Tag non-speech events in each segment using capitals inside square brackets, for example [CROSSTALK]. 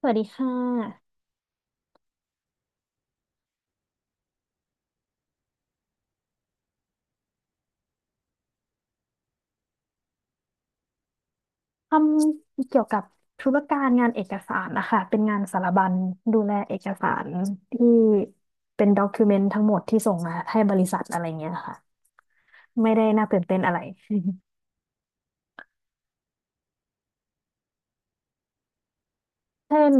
สวัสดีค่ะทำเกี่ยวกับธุรการงานเอกสารนะคะ เป็นงานสารบัญดูแลเอกสารที่เป็นด็อกิเมนต์ทั้งหมดที่ส่งมาให้บริษัทอะไรเงี้ยค่ะ ไม่ได้น่าตื่นเต้นอะไร เช่น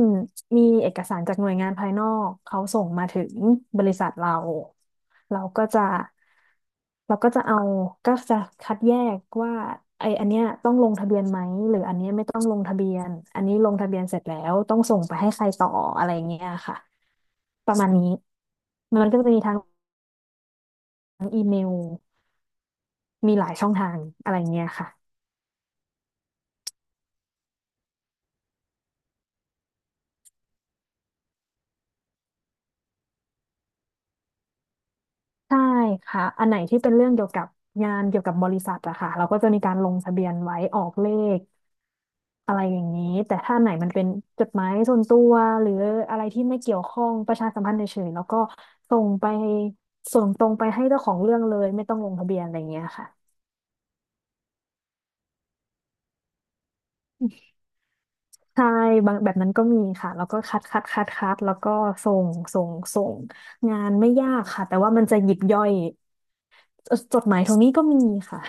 มีเอกสารจากหน่วยงานภายนอกเขาส่งมาถึงบริษัทเราเราก็จะเราก็จะเอาก็จะคัดแยกว่าไออันเนี้ยต้องลงทะเบียนไหมหรืออันเนี้ยไม่ต้องลงทะเบียนอันนี้ลงทะเบียนเสร็จแล้วต้องส่งไปให้ใครต่ออะไรเงี้ยค่ะประมาณนี้มันก็จะมีทางอีเมลมีหลายช่องทางอะไรเงี้ยค่ะ ใช่ค่ะอันไหนที่เป็นเรื่องเกี่ยวกับงานเกี่ยวกับบริษัทอะค่ะเราก็จะมีการลงทะเบียนไว้ออกเลขอะไรอย่างนี้แต่ถ้าไหนมันเป็นจดหมายส่วนตัวหรืออะไรที่ไม่เกี่ยวข้องประชาสัมพันธ์เฉยๆแล้วก็ส่งไปส่งตรงไปให้เจ้าของเรื่องเลยไม่ต้องลงทะเบียนอะไรอย่างเงี้ยค่ะใช่บางแบบนั้นก็มีค่ะแล้วก็คัดคัดคัดคัดแล้วก็ส่งส่งส่งงานไม่ยากค่ะแต่ว่ามันจะหยิบย่อยจดหมายตรงนี้ก็มีค่ะ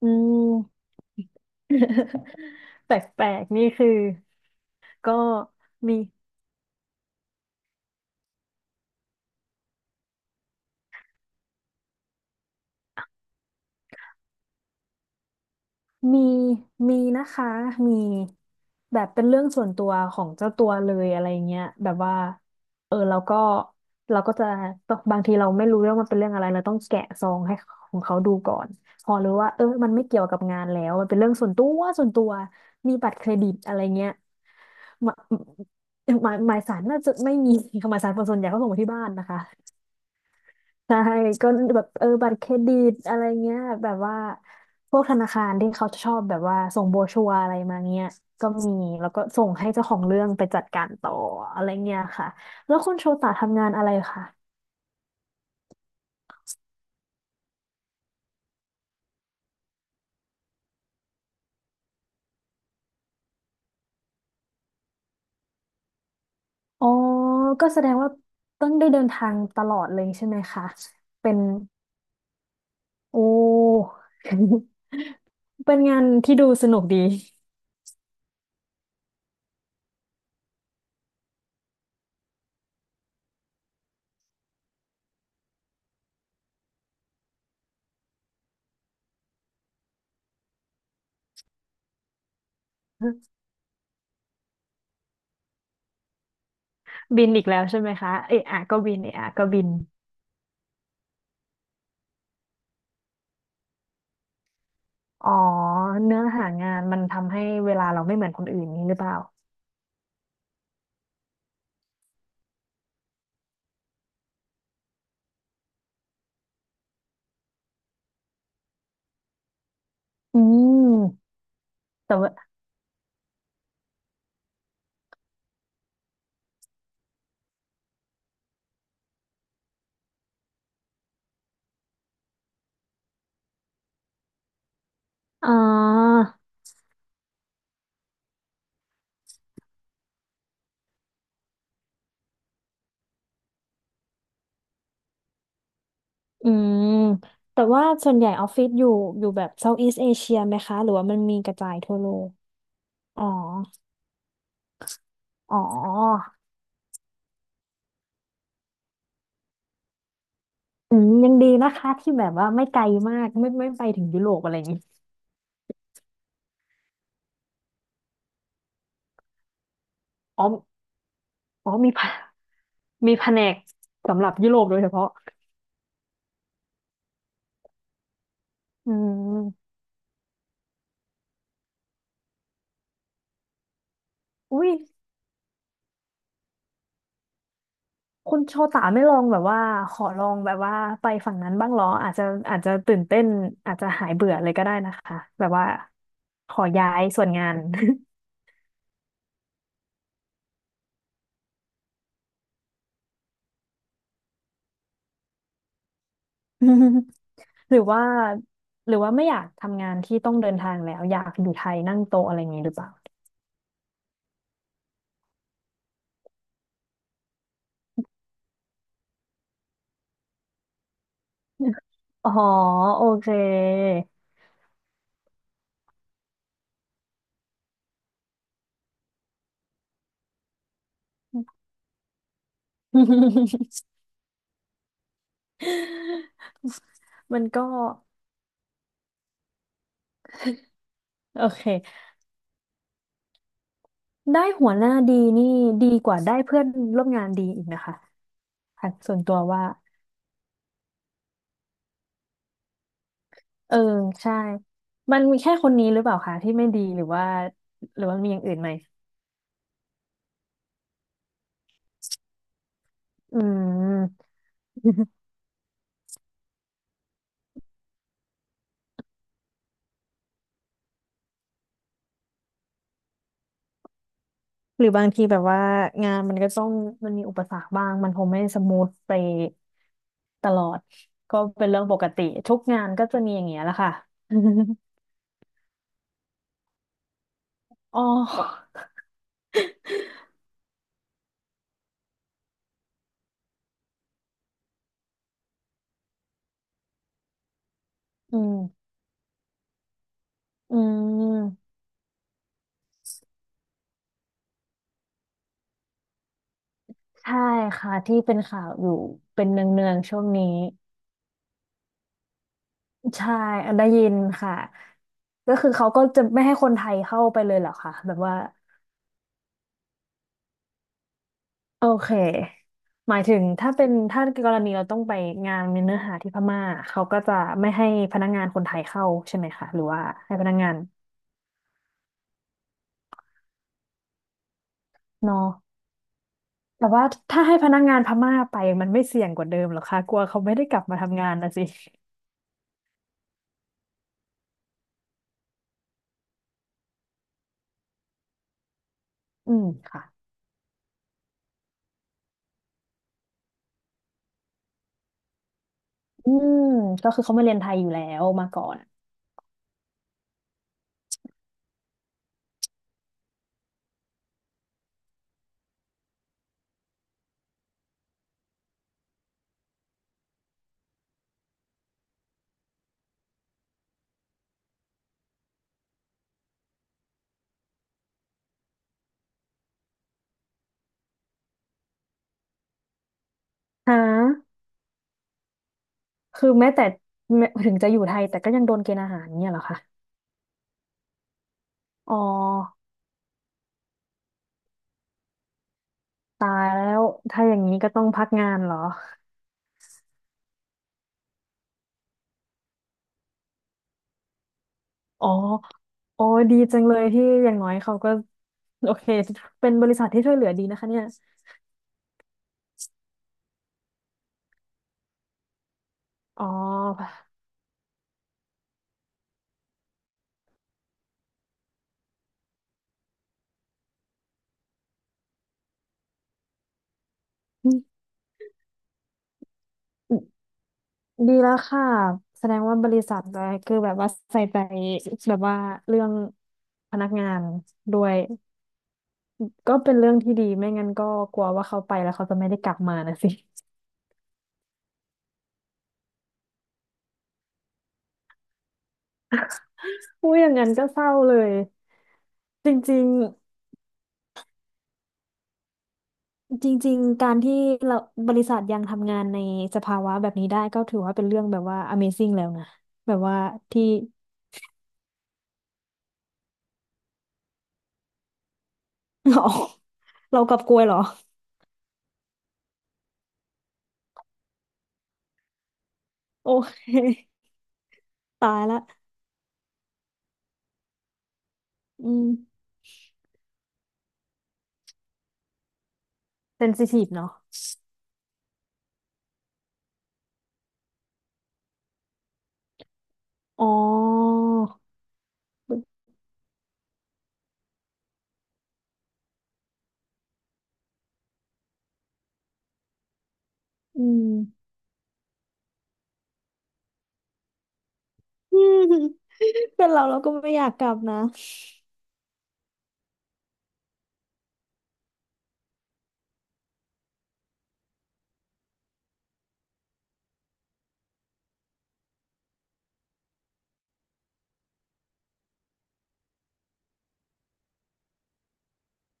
อืม [LAUGHS] แปลกๆนี่คือก็มีมีมีนะคะมีแบบเป็นเรื่องส่วนตัวของเจ้าตัวเลยอะไรเงี้ยแบบว่าเออเราก็จะบางทีเราไม่รู้เรื่องมันเป็นเรื่องอะไรเราต้องแกะซองให้ของเขาดูก่อนพอรู้ว่าเออมันไม่เกี่ยวกับงานแล้วมันเป็นเรื่องส่วนตัวส่วนตัวมีบัตรเครดิตอะไรเงี้ยหมายหมายสารน่าจะไม่มี [LAUGHS] หมายสารคนส่วนใหญ่เขาส่งมาที่บ้านนะคะ ใช่ก็แบบเออบัตรเครดิตอะไรเงี้ยแบบว่าพวกธนาคารที่เขาชอบแบบว่าส่งโบรชัวร์อะไรมาเงี้ยก็มีแล้วก็ส่งให้เจ้าของเรื่องไปจัดการต่ออะไรเงี้ยค่ะแล้วคุณโชตะทำงานอะไรคะอ๋อก็แสดงว่าต้องได้เดินทางตลอดเลยใช่ไหมคะเป็นโอ้ [LAUGHS] เป็นงานที่ดูสนุกดี [LAUGHS] บินอีกแล้วใช่ไหมคะเอะอะก็บินเอะอะก็บิน อ๋อเนื้อหางานมันทำให้เวลาเราไม่เหมือนคนอื่นนี้หรือเปล่าอืมแต่ว่าอ่าอืมแต่ว่าส่วนใหญ่ออฟฟิศอยู่แบบเซาท์อีสเอเชียไหมคะหรือว่ามันมีกระจายทั่วโลกอ๋ออ๋ออืมยังดีนะคะที่แบบว่าไม่ไกลมากไม่ไปถึงยุโรปอะไรอย่างนี้อ๋ออ๋อมีแผนกสำหรับยุโรปโดยเฉพาะอืมอุ้ย คุณโชตาไม่ลองแบบว่าขอลองแบบว่าไปฝั่งนั้นบ้างเหรออาจจะอาจจะตื่นเต้นอาจจะหายเบื่อเลยก็ได้นะคะแบบว่าขอย้ายส่วนงาน [LAUGHS] อืมหรือว่าหรือว่าไม่อยากทำงานที่ต้องเดินทางแล้วอยากอยู่ไทยนั่งโต๊ะอะไรอย่างนี้หรือเปล่าอ๋อโอเค [LAUGHS] มันก็โอเคได้หัวหน้าดีนี่ดีกว่าได้เพื่อนร่วมงานดีอีกนะคะค่ะส่วนตัวว่า เออใช่ มันมีแค่คนนี้หรือเปล่าคะที่ไม่ดีหรือว่าหรือว่ามีอย่างอื่นไหมอืม [LAUGHS] หรือบางทีแบบว่างานมันก็ต้องมันมีอุปสรรคบ้างมันคงไม่สมูทไปตลอดก็เป็นเรื่องปกติทุกงานก็จะมีอย่างเงี้ยแหละค่ะ [LAUGHS] อ๋ออืมอืมใช่ค่ะที่เป็นข่าวอยู่เป็นเนืองๆช่วงนี้ใช่ได้ยินค่ะก็คือเขาก็จะไม่ให้คนไทยเข้าไปเลยเหรอคะแบบว่า โอเคหมายถึงถ้าเป็นถ้ากรณีเราต้องไปงานมีเนื้อหาที่พม่าเขาก็จะไม่ให้พนักงานคนไทยเข้าใช่ไหมคะหรือว่าให้พนักงานเนอะแต่ว่าถ้าให้พนักงานพม่าไปมันไม่เสี่ยงกว่าเดิมเหรอคะกลัวเขาไม่ได้กลับมาทำงานนะสิอืมค่ะอืมก็คือเขามาเรียนไทยอยู่แล้วมาก่อนฮะคือแม้แต่แม้ถึงจะอยู่ไทยแต่ก็ยังโดนเกณฑ์อาหารเนี่ยเหรอคะอ๋อตายแล้วถ้าอย่างนี้ก็ต้องพักงานเหรอ อ๋อโอ้ดีจังเลยที่อย่างน้อยเขาก็โอเคเป็นบริษัทที่ช่วยเหลือดีนะคะเนี่ยอ๋อดีแล้วค่ะแสดงว่าบริษัทอะไรคือแบบว่าใส่ใจแบบว่าเรื่องพนักงานด้วยก็เป็นเรื่องที่ดีไม่งั้นก็กลัวว่าเขาไปแล้วเขาจะไม่ได้กลับมานะสิ [LAUGHS] อุ้ยอย่างนั้นก็เศร้าเลย จริงๆ จริงๆการที่เราบริษัทยังทำงานในสภาวะแบบนี้ได้ก็ถือว่าเป็นเรื่องแบบว่า Amazing แล้วนะแบบว่าที่ [LAUGHS] เราเรากลับกลวยเหรอโอเคตายละอืมเซนซิทีฟเนาะอ๋ออืม [LAUGHS] อืมเป็นเราก็ไม่อยากกลับนะ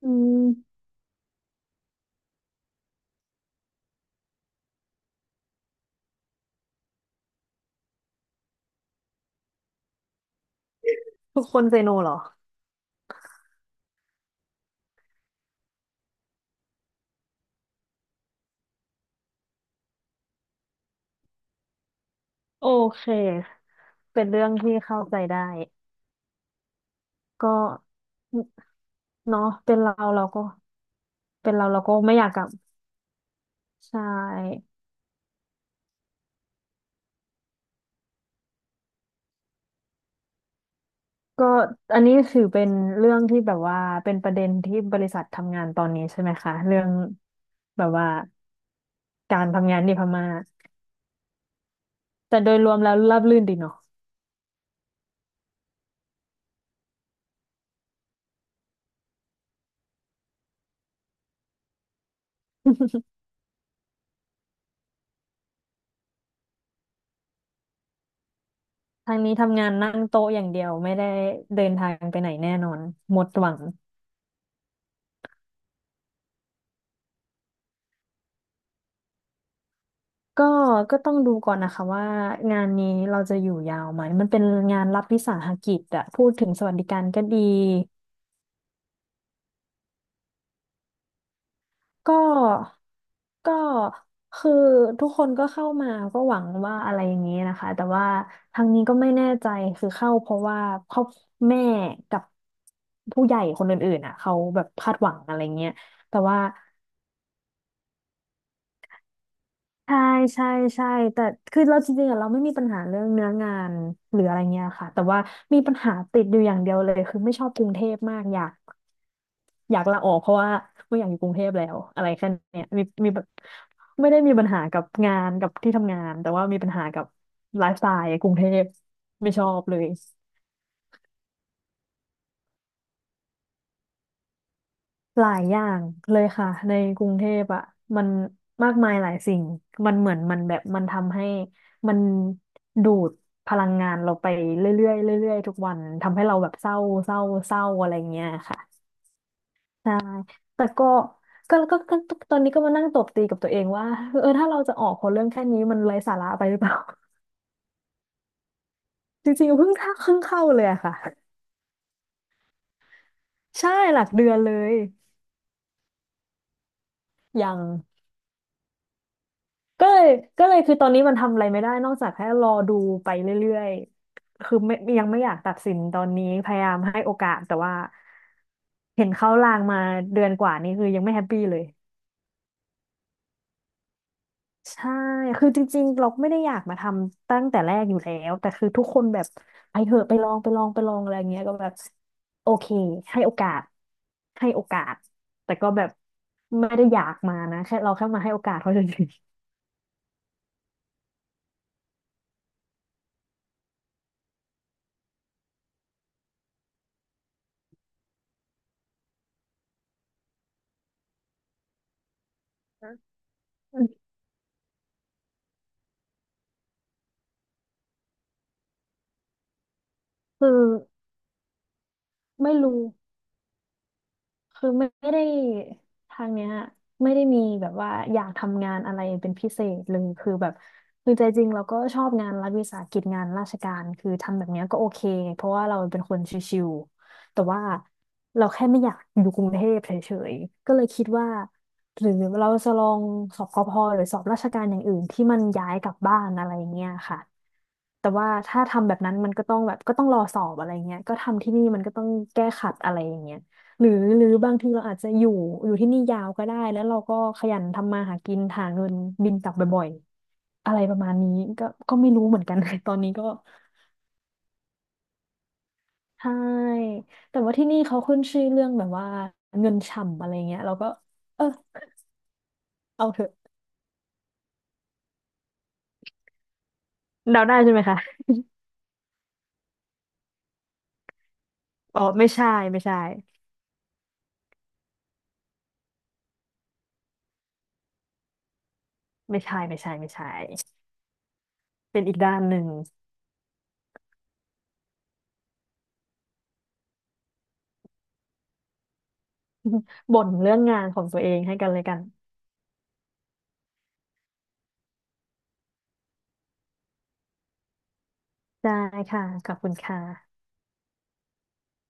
อืมทุกคนเซโนเหรอโอเคเป็นเรื่องที่เข้าใจได้ก็เนาะเป็นเราก็เป็นเราก็ไม่อยากกลับใช่ ก็อันนี้ถือเป็นเรื่องที่แบบว่าเป็นประเด็นที่บริษัททำงานตอนนี้ใช่ไหมคะเรื่องแบบว่าการทำงานที่พม่าแต่โดยรวมแล้วราบรื่นดีเนาะ [LAUGHS] ทางนี้ทำงานนั่งโต๊ะอย่างเดียวไม่ได้เดินทางไปไหนแน่นอนหมดหวังก็ก็ต้องดูก่อนนะคะว่างานนี้เราจะอยู่ยาวไหมมันเป็นงานรัฐวิสาหกิจอะพูดถึงสวัสดิการก็ดี ก็ก็คือทุกคนก็เข้ามาก็หวังว่าอะไรอย่างนี้นะคะ แต่ว่าทางนี้ก็ไม่แน่ใจ คือเข้าเพราะว่าครอบแม่กับผู้ใหญ่คนอื่นๆอ่ะเขาแบบคาดหวังอะไรเงี้ยแต่ว่า ใช่ใช่ใช่แต่คือเราจริงๆอะเราไม่มีปัญหาเรื่องเนื้องานหรืออะไรเงี้ยค่ะแต่ว่ามีปัญหาติดอยู่อย่างเดียวเลยคือไม่ชอบกรุงเทพมากอยากลาออกเพราะว่าไม่อยากอยู่กรุงเทพแล้วอะไรแค่เนี้ยมีแบบไม่ได้มีปัญหากับงานกับที่ทำงานแต่ว่ามีปัญหากับไลฟ์สไตล์กรุงเทพไม่ชอบเลย หลายอย่างเลยค่ะในกรุงเทพอ่ะมันมากมายหลายสิ่งมันเหมือนมันแบบมันทำให้มันดูดพลังงานเราไปเรื่อยๆเรื่อยๆทุกวันทำให้เราแบบเศร้าเศร้าอะไรเงี้ยค่ะใช่แต่ก็ตอนนี้ก็มานั่งตบตีกับตัวเองว่าเออถ้าเราจะออกคนเรื่องแค่นี้มันไร้สาระไปหรือเปล่า [LAUGHS] จริงๆเพิ่งเข้าเลยอะค่ะใช่หลักเดือนเลยยัง ก็เลยก็เลยคือตอนนี้มันทำอะไรไม่ได้นอกจากแค่รอดูไปเรื่อยๆคือไม่ยังไม่อยากตัดสินตอนนี้พยายามให้โอกาสแต่ว่าเห็นเขาลางมาเดือนกว่านี้คือยังไม่แฮปปี้เลยใช่คือจริงๆเราไม่ได้อยากมาทำตั้งแต่แรกอยู่แล้วแต่คือทุกคนแบบไปเถอะไปลองอะไรอย่างเงี้ยก็แบบโอเคให้โอกาสให้โอกาสแต่ก็แบบไม่ได้อยากมานะแค่เรามาให้โอกาสเขาเฉยๆ [LAUGHS] คือไม่รู้ คือไม่ได้ทางเนี้ยไม่ได้มีแบบว่าอยากทำงานอะไรเป็นพิเศษเลยคือแบบคือใจจริงเราก็ชอบงานรัฐวิสาหกิจงานราชการคือทำแบบเนี้ยก็โอเคเพราะว่าเราเป็นคนชิวๆแต่ว่าเราแค่ไม่อยากอยู่กรุงเทพเฉยๆก็เลยคิดว่าหรือเราจะลองสอบกพหรือสอบราชการอย่างอื่นที่มันย้ายกลับบ้านอะไรเงี้ยค่ะแต่ว่าถ้าทำแบบนั้นมันก็ต้องแบบก็ต้องรอสอบอะไรเงี้ยก็ทำที่นี่มันก็ต้องแก้ขัดอะไรอย่างเงี้ย หรือหรือบางทีเราอาจจะอยู่ที่นี่ยาวก็ได้แล้วเราก็ขยันทำมาหากินหาเงินบินกลับบ่อยๆอะไรประมาณนี้ก็ไม่รู้เหมือนกัน [LAUGHS] ตอนนี้ก็ใช่แต่ว่าที่นี่เขาขึ้นชื่อเรื่องแบบว่าเงินฉ่ำอะไรเงี้ยเราก็เออเอาเถอะเดาได้ใช่ไหมคะอ๋อไม่ใช่ไม่ใช่ไม่ใช่ไม่ใช่ไม่ใช่เป็นอีกด้านหนึ่งบ่นเรื่องงานของตัวเองให้กันเลยกันได้ค่ะขอบคุณค่ะ